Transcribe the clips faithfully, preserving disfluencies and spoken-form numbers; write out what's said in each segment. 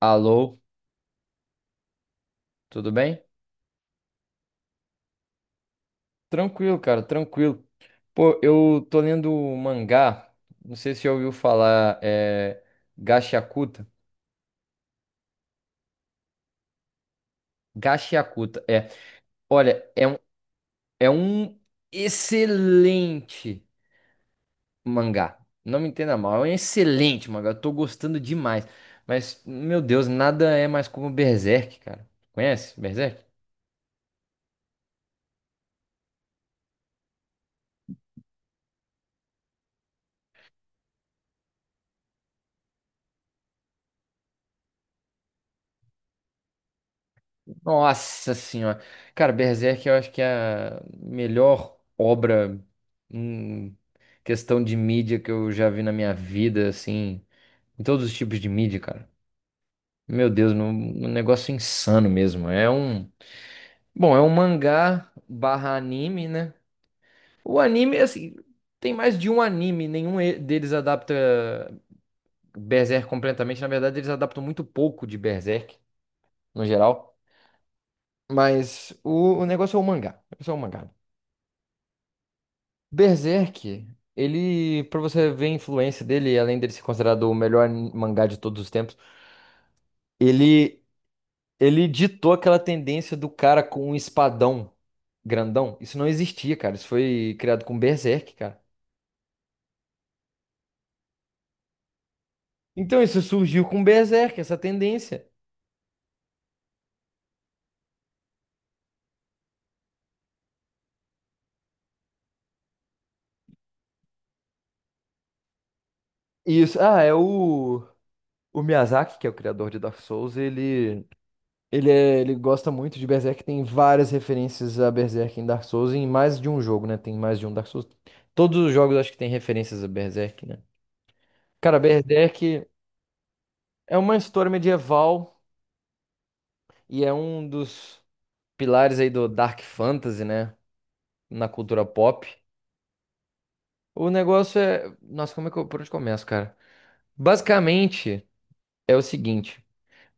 Alô, tudo bem? Tranquilo, cara, tranquilo. Pô, eu tô lendo um mangá, não sei se já ouviu falar, é Gachakuta. Gachakuta, é. Olha, é um, é um excelente mangá. Não me entenda mal, é um excelente mangá. Eu tô gostando demais. Mas, meu Deus, nada é mais como Berserk, cara. Conhece Berserk? Nossa senhora. Cara, Berserk eu acho que é a melhor obra em questão de mídia que eu já vi na minha vida, assim, em todos os tipos de mídia, cara. Meu Deus, num- um negócio insano mesmo. É um, bom, é um mangá barra anime, né? O anime, assim, tem mais de um anime, nenhum e- deles adapta Berserk completamente. Na verdade, eles adaptam muito pouco de Berserk, no geral. Mas o, o negócio é o mangá. O negócio é o mangá. Berserk, ele, pra você ver a influência dele, além dele ser considerado o melhor mangá de todos os tempos, ele, ele ditou aquela tendência do cara com um espadão grandão. Isso não existia, cara. Isso foi criado com Berserk, cara. Então isso surgiu com Berserk, essa tendência. E isso, ah, é o, o Miyazaki, que é o criador de Dark Souls. Ele Ele, é- ele gosta muito de Berserk, tem várias referências a Berserk em Dark Souls, e em mais de um jogo, né? Tem mais de um Dark Souls. Todos os jogos acho que tem referências a Berserk, né? Cara, Berserk é uma história medieval e é um dos pilares aí do Dark Fantasy, né? Na cultura pop. O negócio é. Nossa, como é que eu. Por onde começo, cara? Basicamente é o seguinte: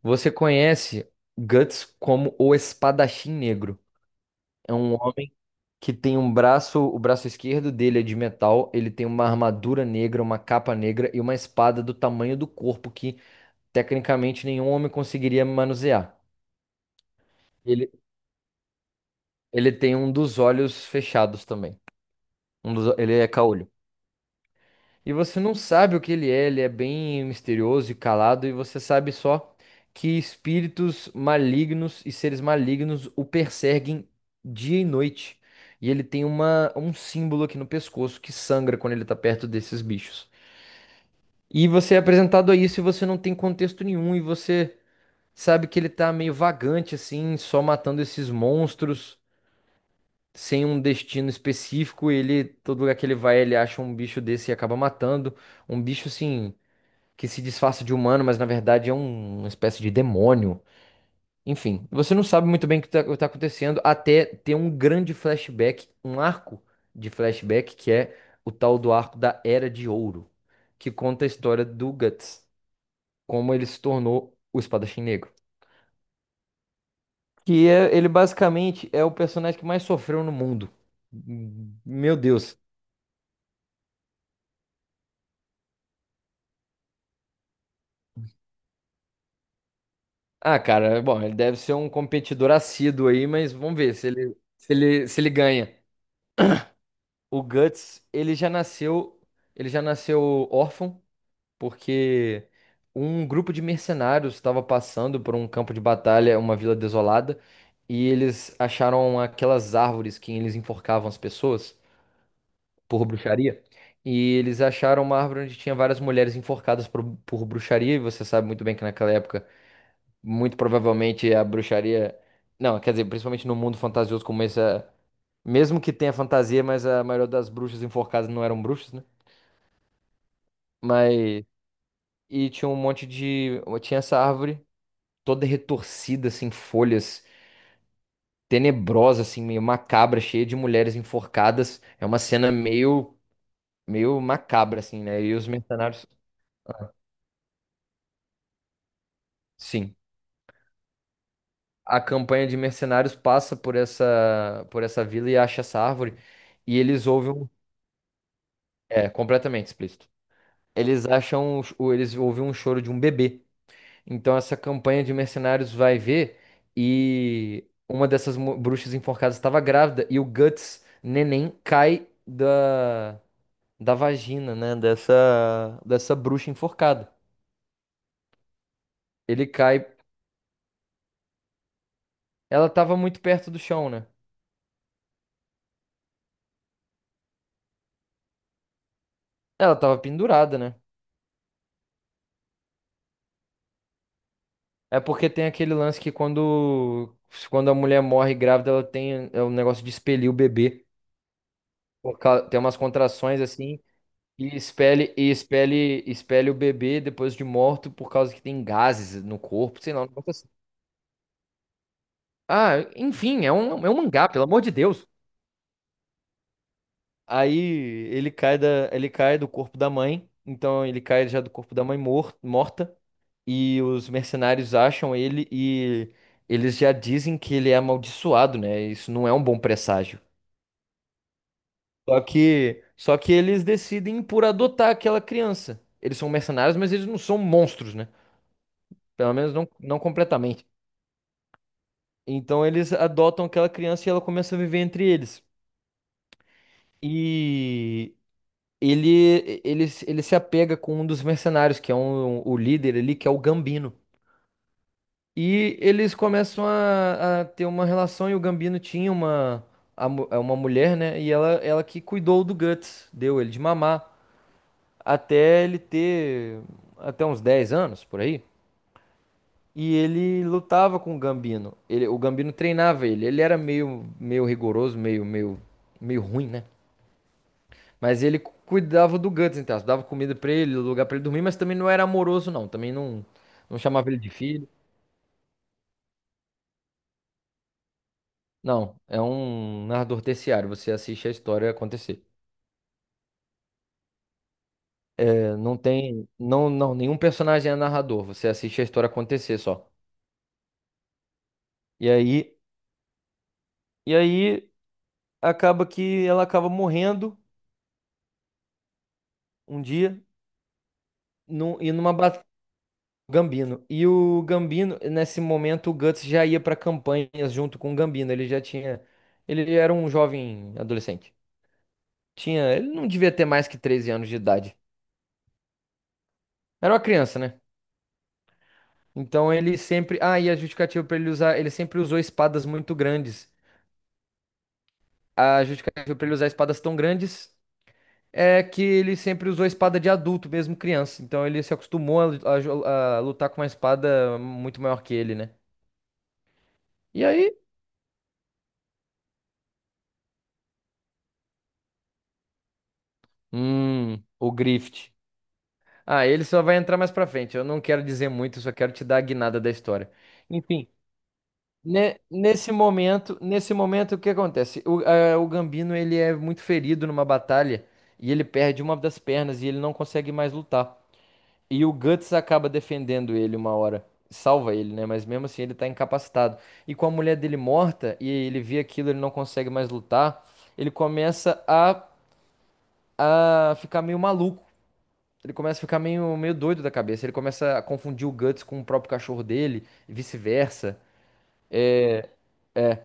você conhece Guts como o Espadachim Negro. É um homem que tem um braço, o braço esquerdo dele é de metal, ele tem uma armadura negra, uma capa negra e uma espada do tamanho do corpo que tecnicamente nenhum homem conseguiria manusear. Ele, ele tem um dos olhos fechados também. Um dos, ele é caolho. E você não sabe o que ele é, ele é bem misterioso e calado, e você sabe só que espíritos malignos e seres malignos o perseguem dia e noite. E ele tem uma, um símbolo aqui no pescoço que sangra quando ele tá perto desses bichos. E você é apresentado a isso e você não tem contexto nenhum e você sabe que ele tá meio vagante assim, só matando esses monstros sem um destino específico. Ele, todo lugar que ele vai, ele acha um bicho desse e acaba matando. Um bicho assim que se disfarça de humano, mas na verdade é um- uma espécie de demônio. Enfim, você não sabe muito bem o que tá, o que tá acontecendo até ter um grande flashback, um arco de flashback que é o tal do arco da Era de Ouro, que conta a história do Guts como ele se tornou o Espadachim Negro. Que é, ele basicamente é o personagem que mais sofreu no mundo. Hum, Meu Deus. Ah, cara, bom, ele deve ser um competidor assíduo aí, mas vamos ver se ele, se ele, se ele ganha. O Guts, ele já nasceu, ele já nasceu órfão, porque um grupo de mercenários estava passando por um campo de batalha, uma vila desolada, e eles acharam aquelas árvores que eles enforcavam as pessoas por bruxaria. E eles acharam uma árvore onde tinha várias mulheres enforcadas por, por bruxaria. E você sabe muito bem que naquela época, muito provavelmente a bruxaria. Não, quer dizer, principalmente no mundo fantasioso como esse, a- mesmo que tenha fantasia, mas a maioria das bruxas enforcadas não eram bruxas, né? Mas. E tinha um monte de. Tinha essa árvore toda retorcida, assim, folhas, tenebrosa, assim, meio macabra, cheia de mulheres enforcadas. É uma cena meio, meio macabra, assim, né? E os mercenários. Sim. A campanha de mercenários passa por essa por essa vila e acha essa árvore e eles ouvem um-. É completamente explícito. Eles acham o- eles ouvem um choro de um bebê. Então essa campanha de mercenários vai ver e uma dessas mu- bruxas enforcadas estava grávida e o Guts neném cai da da vagina, né, dessa dessa bruxa enforcada. Ele cai, ela estava muito perto do chão, né? Ela estava pendurada, né? É porque tem aquele lance que quando, quando a mulher morre grávida, ela tem é um negócio de expelir o bebê. Por cau- Tem umas contrações assim, e expele, e expele, expele o bebê depois de morto por causa que tem gases no corpo, sei lá, um negócio assim. Ah, enfim, é um, é um mangá, pelo amor de Deus. Aí ele cai da, ele cai do corpo da mãe, então ele cai já do corpo da mãe mor- morta, e os mercenários acham ele e eles já dizem que ele é amaldiçoado, né? Isso não é um bom presságio. Só que, só que eles decidem por adotar aquela criança. Eles são mercenários, mas eles não são monstros, né? Pelo menos não, não completamente. Então eles adotam aquela criança e ela começa a viver entre eles. E ele, ele, se- ele se apega com um dos mercenários, que é um, um, o líder ali, que é o Gambino. E eles começam a, a ter uma relação, e o Gambino tinha uma, a mu- é uma mulher, né? E ela, ela que cuidou do Guts, deu ele de mamar, até ele ter até uns dez anos, por aí. E ele lutava com o Gambino. Ele, o Gambino treinava ele. Ele era meio, meio rigoroso, meio, meio, meio ruim, né? Mas ele cu- cuidava do Guts, então, dava comida pra ele, lugar pra ele dormir, mas também não era amoroso, não. Também não, não chamava ele de filho. Não, é um narrador terciário, você assiste a história acontecer. É, não tem, não, não, nenhum personagem é narrador, você assiste a história acontecer só. E aí, e aí acaba que ela acaba morrendo um dia num, e numa batalha. Gambino. E o Gambino, nesse momento, o Guts já ia pra campanhas junto com o Gambino. Ele já tinha. Ele era um jovem adolescente. Tinha, ele não devia ter mais que treze anos de idade. Era uma criança, né? Então ele sempre. Ah, e a justificativa pra ele usar. Ele sempre usou espadas muito grandes. A justificativa pra ele usar espadas tão grandes é que ele sempre usou espada de adulto, mesmo criança. Então ele se acostumou a, a jo- a lutar com uma espada muito maior que ele, né? E aí? Hum, o Grift. Ah, ele só vai entrar mais pra frente. Eu não quero dizer muito. Eu só quero te dar a guinada da história. Enfim. Ne- nesse momento, nesse momento, o que acontece? O, a- o Gambino ele é muito ferido numa batalha e ele perde uma das pernas e ele não consegue mais lutar. E o Guts acaba defendendo ele uma hora, salva ele, né? Mas mesmo assim ele tá incapacitado. E com a mulher dele morta e ele vê aquilo, ele não consegue mais lutar, ele começa a, a ficar meio maluco. Ele começa a ficar meio, meio doido da cabeça. Ele começa a confundir o Guts com o próprio cachorro dele, e vice-versa. É, é,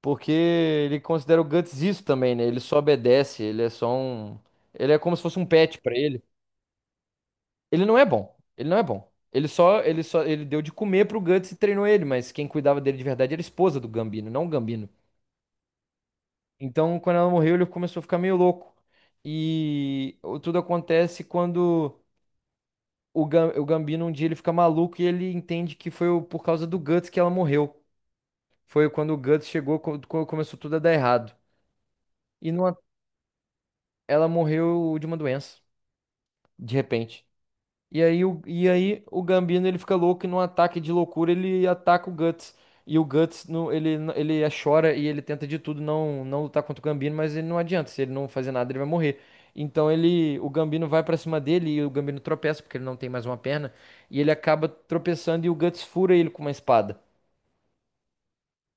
porque ele considera o Guts isso também, né? Ele só obedece, ele é só um. Ele é como se fosse um pet pra ele. Ele não é bom. Ele não é bom. Ele só, ele só, ele deu de comer pro Guts e treinou ele, mas quem cuidava dele de verdade era a esposa do Gambino, não o Gambino. Então, quando ela morreu, ele começou a ficar meio louco. E o- tudo acontece quando o, Gam- o Gambino um dia ele fica maluco e ele entende que foi o- por causa do Guts que ela morreu. Foi quando o Guts chegou, co- co- começou tudo a dar errado. E numa- ela morreu de uma doença. De repente. E aí o, e aí o Gambino ele fica louco e num ataque de loucura ele ataca o Guts. E o Guts no, ele, ele é, chora e ele tenta de tudo não não lutar contra o Gambino, mas ele não adianta, se ele não fazer nada ele vai morrer. Então ele o Gambino vai pra cima dele e o Gambino tropeça porque ele não tem mais uma perna e ele acaba tropeçando e o Guts fura ele com uma espada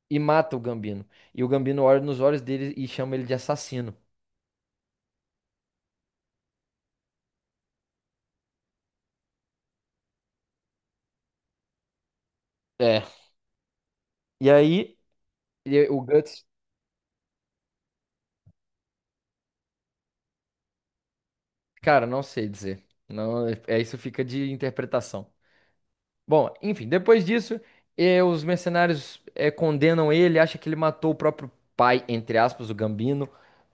e mata o Gambino. E o Gambino olha nos olhos dele e chama ele de assassino. É. E aí, ele- o Guts. Cara, não sei dizer. Não, é isso fica de interpretação. Bom, enfim, depois disso, eh, os mercenários eh, condenam ele, acha que ele matou o próprio pai, entre aspas, o Gambino.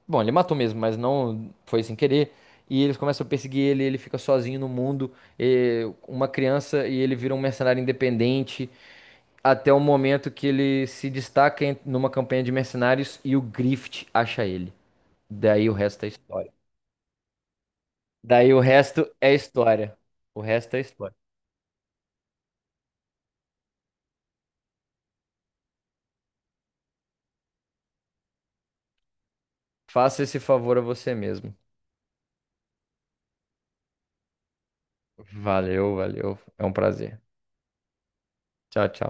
Bom, ele matou mesmo, mas não foi sem querer. E eles começam a perseguir ele, ele fica sozinho no mundo, eh, uma criança, e ele vira um mercenário independente, até o momento que ele se destaca em, numa campanha de mercenários e o Grift acha ele. Daí o resto é história. Daí o resto é história. O resto é história. Faça esse favor a você mesmo. Valeu, valeu. É um prazer. Tchau, tchau.